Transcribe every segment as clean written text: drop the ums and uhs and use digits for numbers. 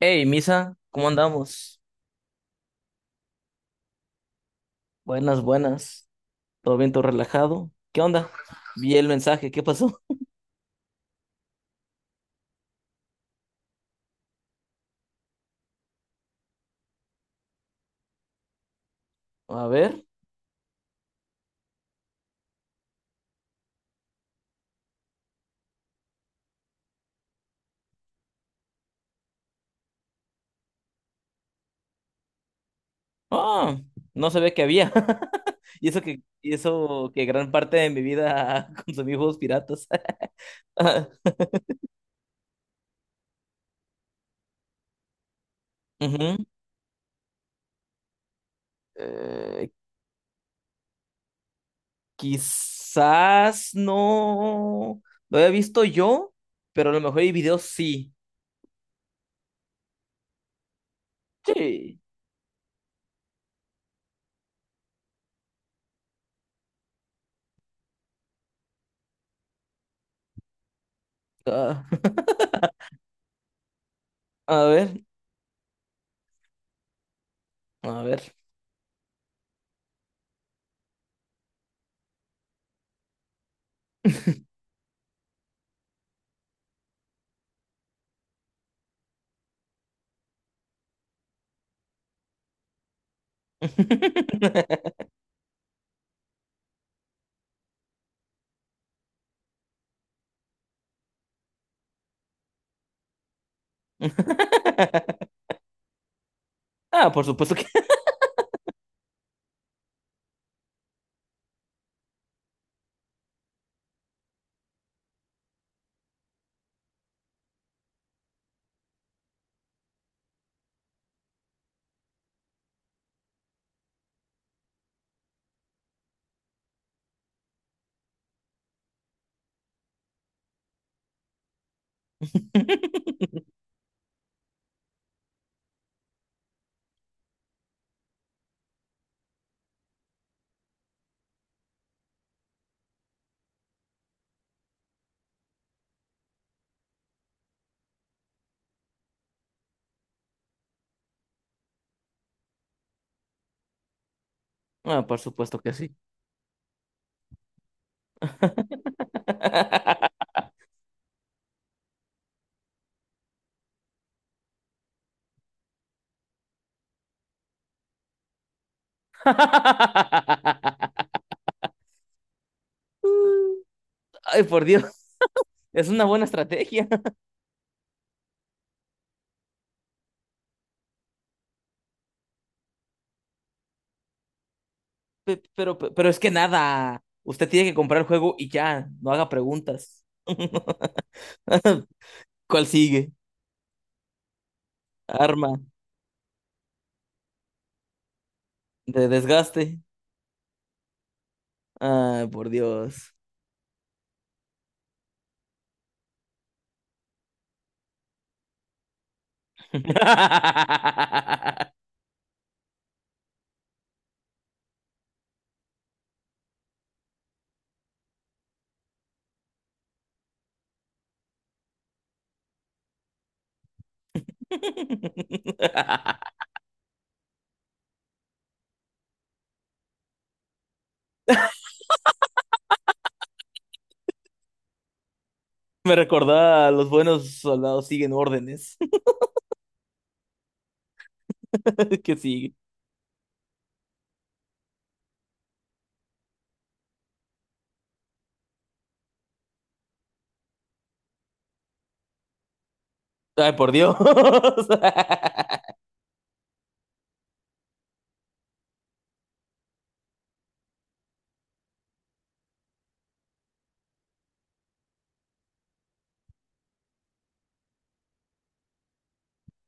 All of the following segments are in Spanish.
Hey, Misa, ¿cómo andamos? Buenas, buenas. ¿Todo bien, todo relajado? ¿Qué onda? Vi el mensaje, ¿qué pasó? A ver. Ah, no sabía que había. Y eso que gran parte de mi vida consumí juegos piratas. Ah, ujú. Eh, Quizás no lo había visto yo, pero a lo mejor hay videos, sí. Sí. Ah, a ver, a ver. Ah, por supuesto que. Ah, por supuesto que sí. Ay, por Dios, es una buena estrategia. Pero es que nada, usted tiene que comprar el juego y ya, no haga preguntas. ¿Cuál sigue? Arma de desgaste. Ay, por Dios. Me recordaba, los buenos soldados siguen órdenes. ¿Qué sigue? Ay, por Dios.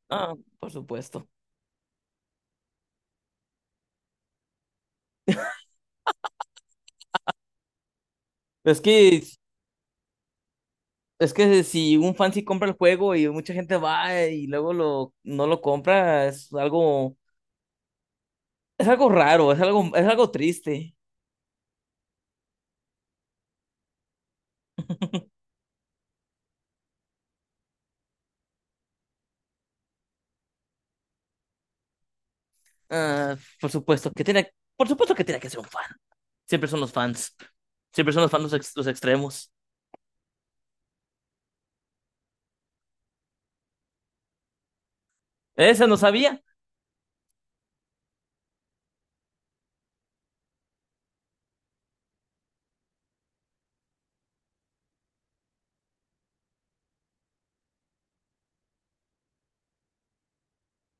Ah, por supuesto. Es que, es que si un fan sí compra el juego y mucha gente va y luego lo, no lo compra, es algo raro, es algo triste. Ah, por supuesto que tiene, por supuesto que tiene que ser un fan. Siempre son los fans. Siempre son los fans los, los extremos. Ese no sabía.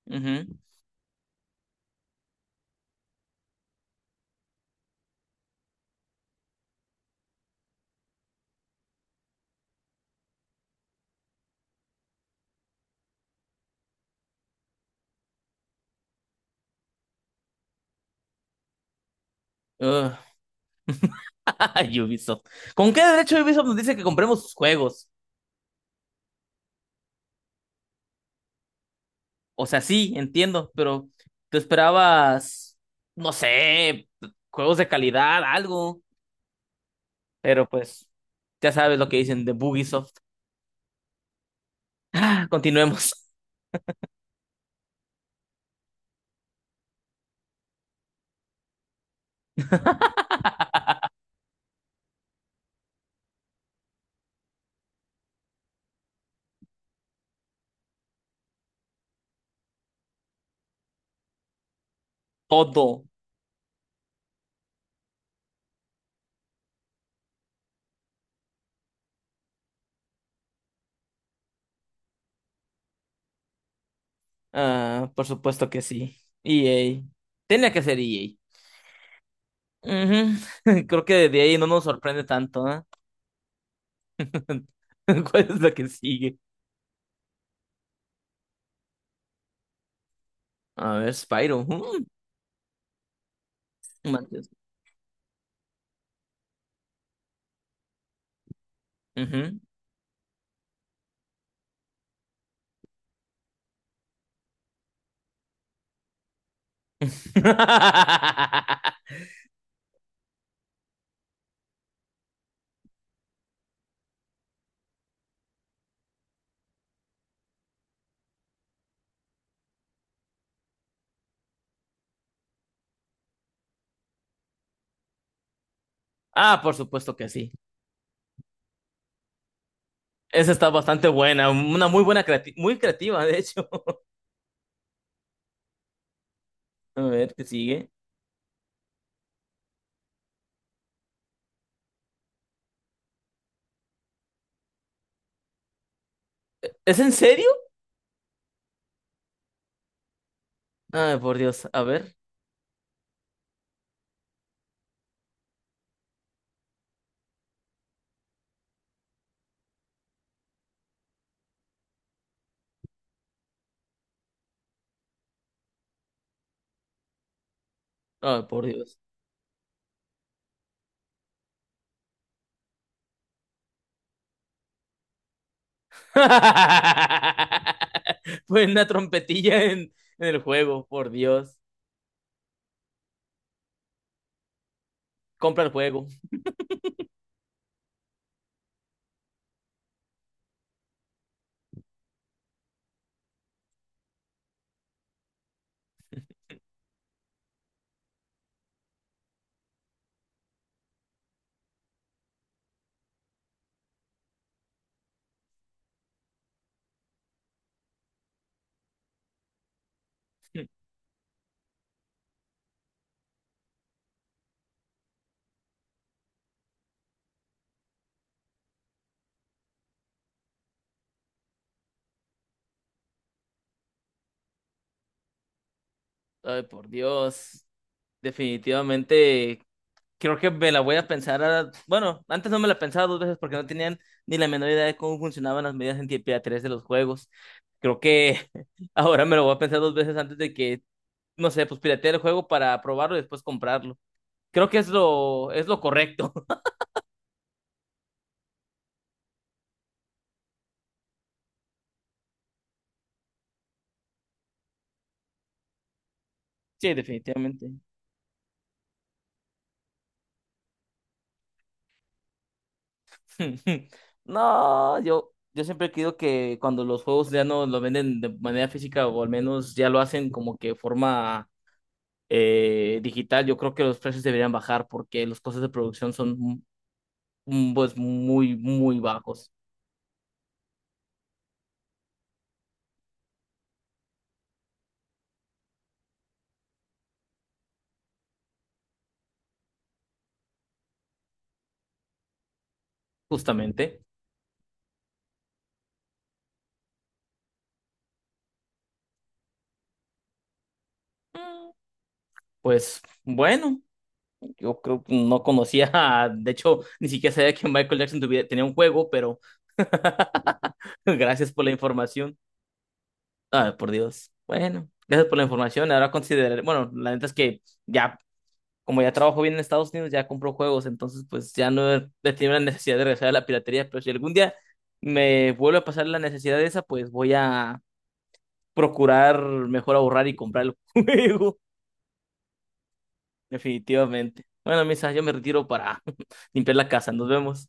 Ujú. Ugh. Ubisoft. ¿Con qué derecho Ubisoft nos dice que compremos sus juegos? O sea, sí, entiendo, pero tú esperabas, no sé, juegos de calidad, algo. Pero pues, ya sabes lo que dicen de Bugisoft. Ah, continuemos. Todo. Ah, por supuesto que sí. EA. Tenía que ser EA. Ujú. Creo que de ahí no nos sorprende tanto, ¿ah? ¿Cuál es la que sigue? A ver, Spyro. Mm, manches. Ujú. Ah, por supuesto que sí. Esa está bastante buena, una muy buena, muy creativa, de hecho. A ver, ¿qué sigue? ¿Es en serio? Ay, por Dios, a ver. Ay, por Dios. Fue una trompetilla en el juego, por Dios. Compra el juego. Ay, por Dios. Definitivamente, creo que me la voy a pensar. Bueno, antes no me la pensaba dos veces porque no tenían ni la menor idea de cómo funcionaban las medidas en de los juegos. Creo que ahora me lo voy a pensar dos veces antes de que no sé, pues piratear el juego para probarlo y después comprarlo. Creo que es lo correcto. Sí, definitivamente. No, yo siempre he querido que cuando los juegos ya no lo venden de manera física, o al menos ya lo hacen como que forma digital, yo creo que los precios deberían bajar porque los costos de producción son mm, pues muy, muy bajos, justamente. Mm. Pues bueno. Yo creo que no conocía, de hecho, ni siquiera sabía que Michael Jackson tenía un juego, pero gracias por la información. Ah, por Dios. Bueno, gracias por la información. Ahora consideraré, bueno, la neta es que ya, como ya trabajo bien en Estados Unidos, ya compro juegos, entonces pues ya no he tenido la necesidad de regresar a la piratería, pero si algún día me vuelve a pasar la necesidad de esa, pues voy a procurar mejor ahorrar y comprar el juego, definitivamente. Bueno, Misa, yo me retiro para limpiar la casa. Nos vemos.